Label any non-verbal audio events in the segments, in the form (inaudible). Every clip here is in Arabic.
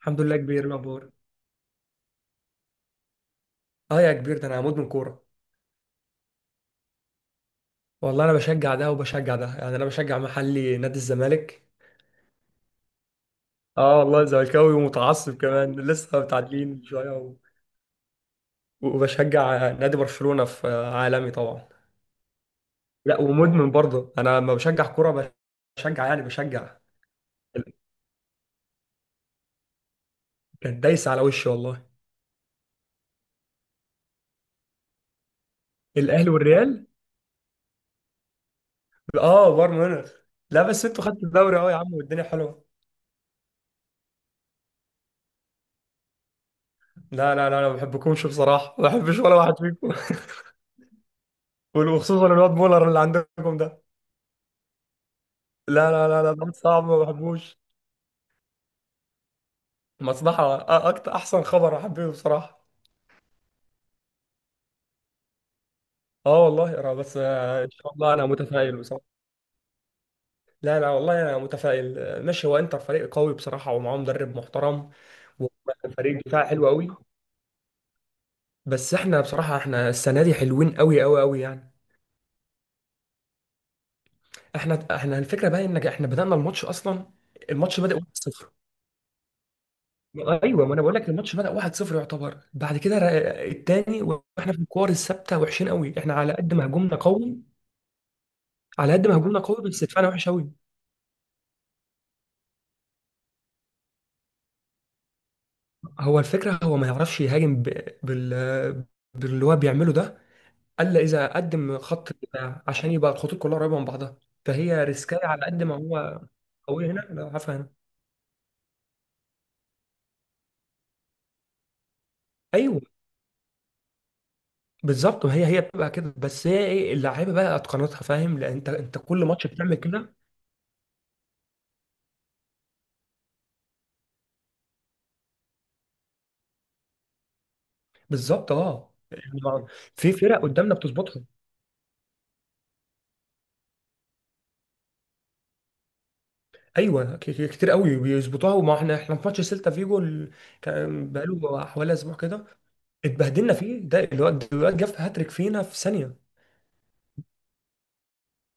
الحمد لله، كبير الاخبار. اه يا كبير، ده انا هموت من كوره. والله انا بشجع ده وبشجع ده، يعني انا بشجع محلي نادي الزمالك. اه والله زملكاوي ومتعصب كمان، لسه متعادلين من شويه وبشجع نادي برشلونه في عالمي طبعا. لا، ومدمن برضه انا لما بشجع كوره، بشجع يعني بشجع. كانت دايسه على وشي والله. الاهلي والريال. اه بايرن ميونخ. لا بس انتوا خدتوا الدوري اهو يا عم، والدنيا حلوه. لا لا لا، انا ما بحبكمش بصراحه، ما بحبش ولا واحد فيكم. (laughs) وخصوصا الواد مولر اللي عندكم ده. لا لا لا لا، ده صعب، ما بحبوش. مصلحة أكتر، أحسن خبر أحبه بصراحة. أه والله، أنا بس، إن شاء الله أنا متفائل بصراحة. لا لا والله أنا متفائل، ماشي، هو إنتر فريق قوي بصراحة، ومعاه مدرب محترم. وفريق دفاع حلو قوي. بس إحنا بصراحة، إحنا السنة دي حلوين قوي قوي قوي يعني. إحنا الفكرة بقى إن إحنا بدأنا الماتش أصلا. الماتش بدأ 1-0. ايوه ما انا بقول لك الماتش بدأ 1-0، يعتبر بعد كده التاني، واحنا في الكور الثابته وحشين قوي. احنا على قد ما هجومنا قوي، على قد ما هجومنا قوي بس دفاعنا وحش قوي. هو الفكره، هو ما يعرفش يهاجم بال باللي هو بيعمله ده. الا اذا قدم خط دفاع عشان يبقى الخطوط كلها قريبه من بعضها. فهي ريسكايه على قد ما هو قوي. هنا لا، عارفه. هنا ايوه. بالظبط، ما هي بتبقى كده. بس هي ايه، اللعيبه بقى اتقنتها، فاهم، لان انت كل ماتش بتعمل كده. بالظبط اه، يعني في فرق قدامنا بتظبطها. ايوه، كتير قوي بيظبطوها، وما احنا في ماتش سيلتا فيجو كان بقاله حوالي اسبوع كده. اتبهدلنا فيه، ده الواد جاب هاتريك فينا في ثانيه.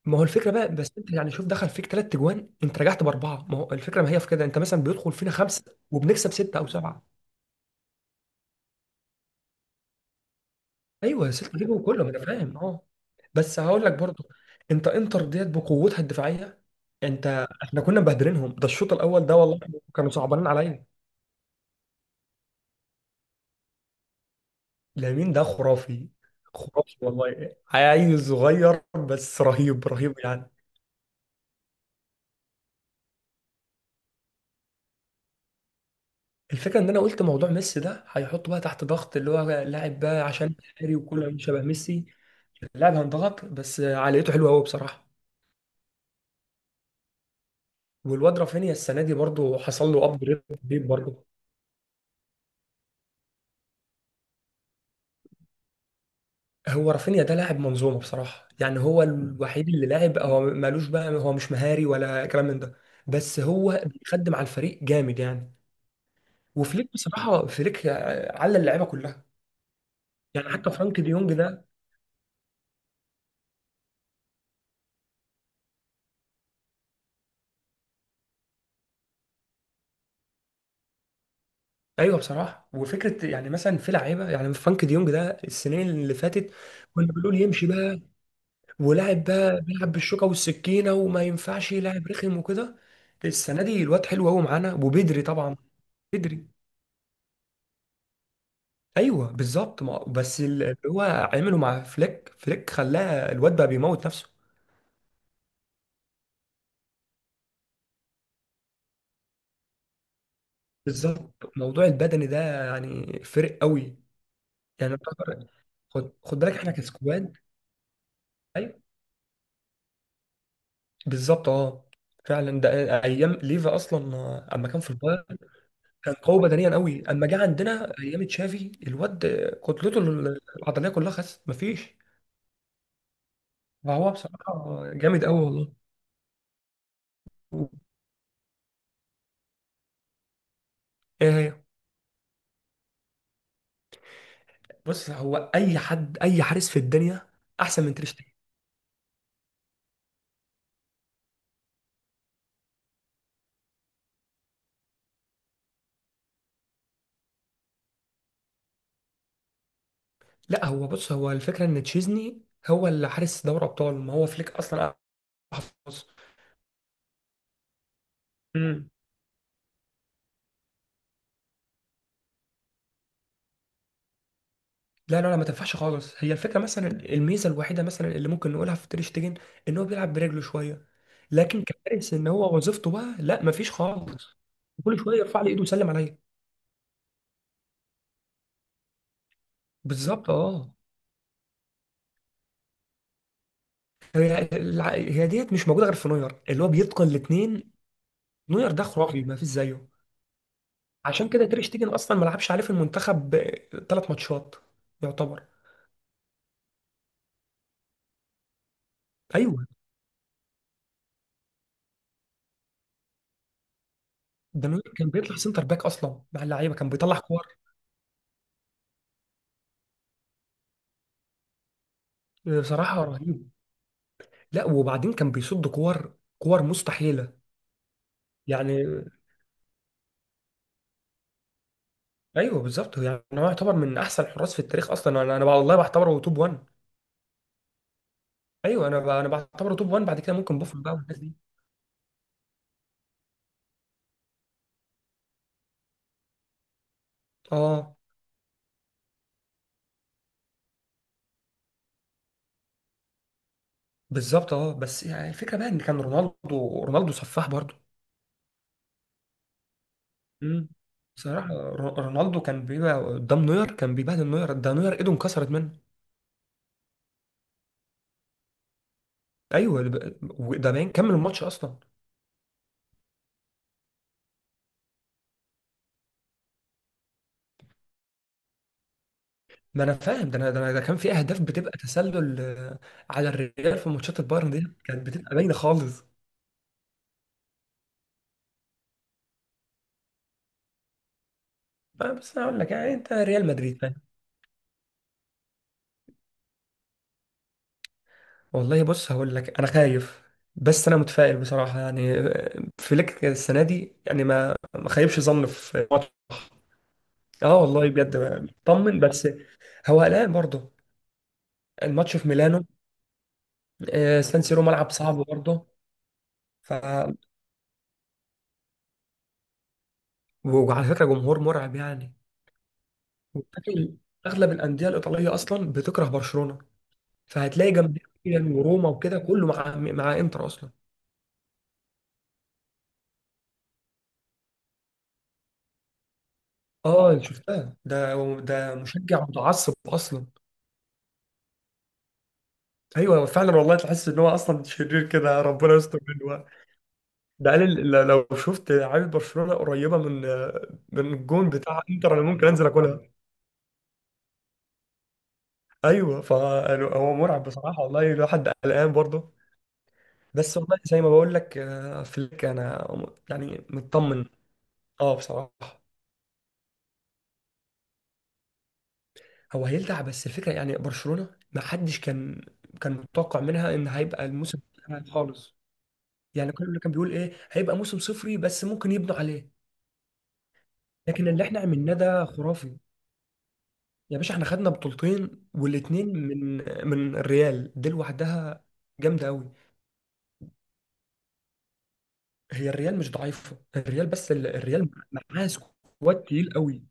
ما هو الفكره بقى، بس انت يعني شوف، دخل فيك 3 اجوان، انت رجعت باربعه، ما هو الفكره، ما هي في كده، انت مثلا بيدخل فينا خمسه وبنكسب سته او سبعه. ايوه سته، جيبوا كله، ما انا فاهم اه. بس هقول لك برضو، انت انتر ديت بقوتها الدفاعيه، انت احنا كنا مبهدلينهم ده الشوط الاول ده والله. كانوا صعبانين عليا. لامين ده خرافي، خرافي والله، عيل صغير بس رهيب رهيب يعني. الفكره ان انا قلت موضوع ميسي ده، هيحطه بقى تحت ضغط، اللي هو لاعب بقى عشان مهاري وكله شبه ميسي. اللاعب هينضغط، بس عقليته حلوه قوي بصراحه. والواد رافينيا السنه دي برضه حصل له اب ريت برضه. هو رافينيا ده لاعب منظومه بصراحه، يعني هو الوحيد اللي لاعب، هو مالوش بقى، هو مش مهاري ولا كلام من ده، بس هو بيخدم على الفريق جامد يعني. وفليك بصراحه، فليك على اللعيبه كلها. يعني حتى فرانك دي يونج ده، ايوه بصراحه وفكره. يعني مثلا في لعيبه يعني فرانك ديونج ده، السنين اللي فاتت كنا بنقول يمشي بقى. ولاعب بقى بيلعب بالشوكه والسكينه، وما ينفعش يلعب رخم وكده. السنه دي الواد حلو قوي معانا، وبدري طبعا، بدري. ايوه بالظبط، ما بس اللي هو عمله مع فليك، فليك خلاه الواد بقى بيموت نفسه. بالظبط، موضوع البدني ده يعني فرق قوي يعني. خد بالك احنا كسكواد. أيوة بالظبط اه، فعلا ده ايام ليفا اصلا، اما كان في البايرن كان قوي بدنيا قوي، اما جه عندنا ايام تشافي، الواد كتلته العضليه كلها خس، مفيش. فهو بصراحه جامد قوي والله. ايه هي؟ بص، هو اي حد، اي حارس في الدنيا احسن من تير شتيجن. لا، هو بص، هو الفكره ان تشيزني هو اللي حارس دوري ابطال، ما هو فليك اصلا أحسن حارس. لا لا لا، ما تنفعش خالص. هي الفكره مثلا، الميزه الوحيده مثلا اللي ممكن نقولها في تير شتيجن ان هو بيلعب برجله شويه. لكن كفارس، ان هو وظيفته بقى لا، ما فيش خالص. كل شويه يرفع لي ايده ويسلم عليا. بالظبط اه. هي ديت مش موجوده غير في نوير اللي هو بيتقن الاثنين. نوير ده خرافي، ما فيش زيه. عشان كده تير شتيجن اصلا ما لعبش عليه في المنتخب 3 ماتشات يعتبر. ايوه، ده نوير كان بيطلع سنتر باك اصلا، مع اللعيبه كان بيطلع كور. بصراحه رهيب. لا وبعدين كان بيصد كور، كور مستحيله يعني. ايوه بالظبط، يعني هو يعتبر من احسن الحراس في التاريخ اصلا، انا والله بعتبره توب 1. ايوه انا بعتبره توب 1 بعد كده ممكن بوفون بقى والناس دي. اه بالظبط اه، بس يعني الفكره بقى ان كان رونالدو، رونالدو سفاح برضه. امم بصراحه رونالدو كان بيبقى قدام نوير، كان بيبهدل نوير، ده نوير ايده انكسرت منه. ايوه، ده باين كمل الماتش اصلا. ما انا فاهم ده، أنا ده كان في اهداف بتبقى تسلل. على الريال في ماتشات البايرن دي، كانت بتبقى باينه خالص. بس انا اقول لك، يعني انت ريال مدريد فاهم. والله بص هقول لك، انا خايف. بس انا متفائل بصراحه، يعني فليك السنه دي يعني ما خيبش ظن في ماتش. اه والله بجد، طمن بس هو قلقان برضه. الماتش في ميلانو. سان سيرو ملعب صعب برضه. ف وعلى فكره، جمهور مرعب يعني. وبالتالي اغلب الانديه الايطاليه اصلا بتكره برشلونه، فهتلاقي جنب ميلان وروما وكده كله مع انتر اصلا. اه شفتها، ده مشجع متعصب اصلا. ايوه فعلا والله، تحس ان هو اصلا شرير كده، ربنا يستر منه بقى. ده قال لو شفت عامل برشلونه قريبه من، من الجون بتاع انتر، انا ممكن انزل اكلها. ايوه فهو مرعب بصراحه والله، الواحد قلقان برضه. بس والله زي ما بقول لك، فليك انا يعني مطمن. اه بصراحه. هو هيلدع، بس الفكرة يعني برشلونة ما حدش كان متوقع منها ان هيبقى الموسم بتاعها خالص. يعني كل اللي كان بيقول ايه، هيبقى موسم صفري بس ممكن يبنوا عليه. لكن اللي احنا عملناه ده خرافي. يا باشا، احنا خدنا بطولتين، والاتنين من الريال دي لوحدها، جامدة قوي. هي الريال مش ضعيفة، الريال بس الريال معاه سكواد تقيل قوي،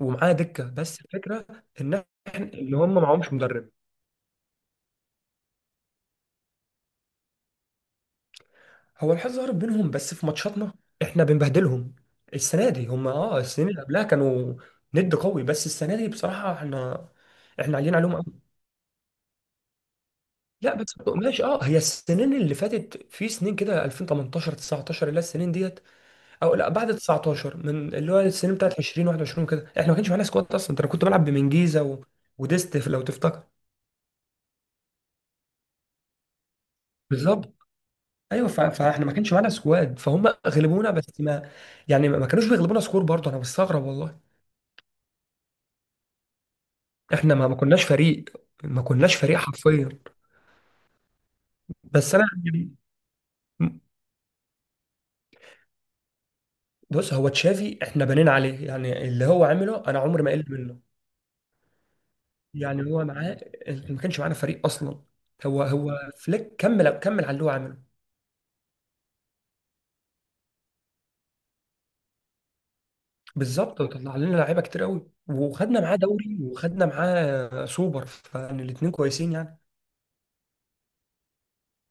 ومعاه دكة، بس الفكرة ان احنا، ان هم معهمش مدرب. هو الحظ هرب بينهم بس، في ماتشاتنا احنا بنبهدلهم. السنه دي هم السنين اللي قبلها كانوا ند قوي، بس السنه دي بصراحه احنا، احنا عاليين عليهم قوي. لا بس ماشي اه، هي السنين اللي فاتت في سنين كده، 2018 19 اللي هي السنين ديت. او لا، بعد 19 من اللي هو السنين بتاعت 20 21 كده، احنا ما كانش معانا سكواد اصلا. ده انا كنت بلعب بمنجيزه وديست لو تفتكر. بالظبط. ايوه فاحنا ما كانش معانا سكواد، فهم غلبونا، بس ما، يعني ما كانوش بيغلبونا سكور برضه، انا مستغرب والله. احنا ما كناش فريق، ما كناش فريق حرفيا. بس انا يعني بص، هو تشافي احنا بنينا عليه، يعني اللي هو عمله انا عمري ما قلت منه. يعني هو معاه، ما كانش معانا فريق اصلا. هو فليك كمل على اللي هو عمله. بالظبط، وطلع لنا لعيبه كتير قوي، وخدنا معاه دوري وخدنا معاه سوبر، فيعني الاثنين كويسين يعني.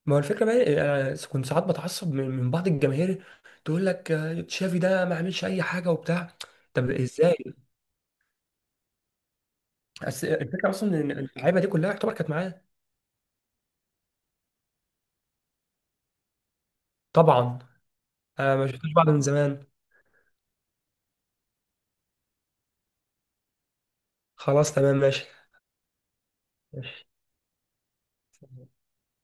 ما هو الفكره بقى إيه، انا كنت ساعات بتعصب من بعض الجماهير تقول لك، تشافي ده ما عملش اي حاجه وبتاع. طب ازاي؟ بس الفكره اصلا ان اللعيبه دي كلها يعتبر كانت معاه. طبعا، آه ما شفتوش بعض من زمان. خلاص تمام ماشي. ماشي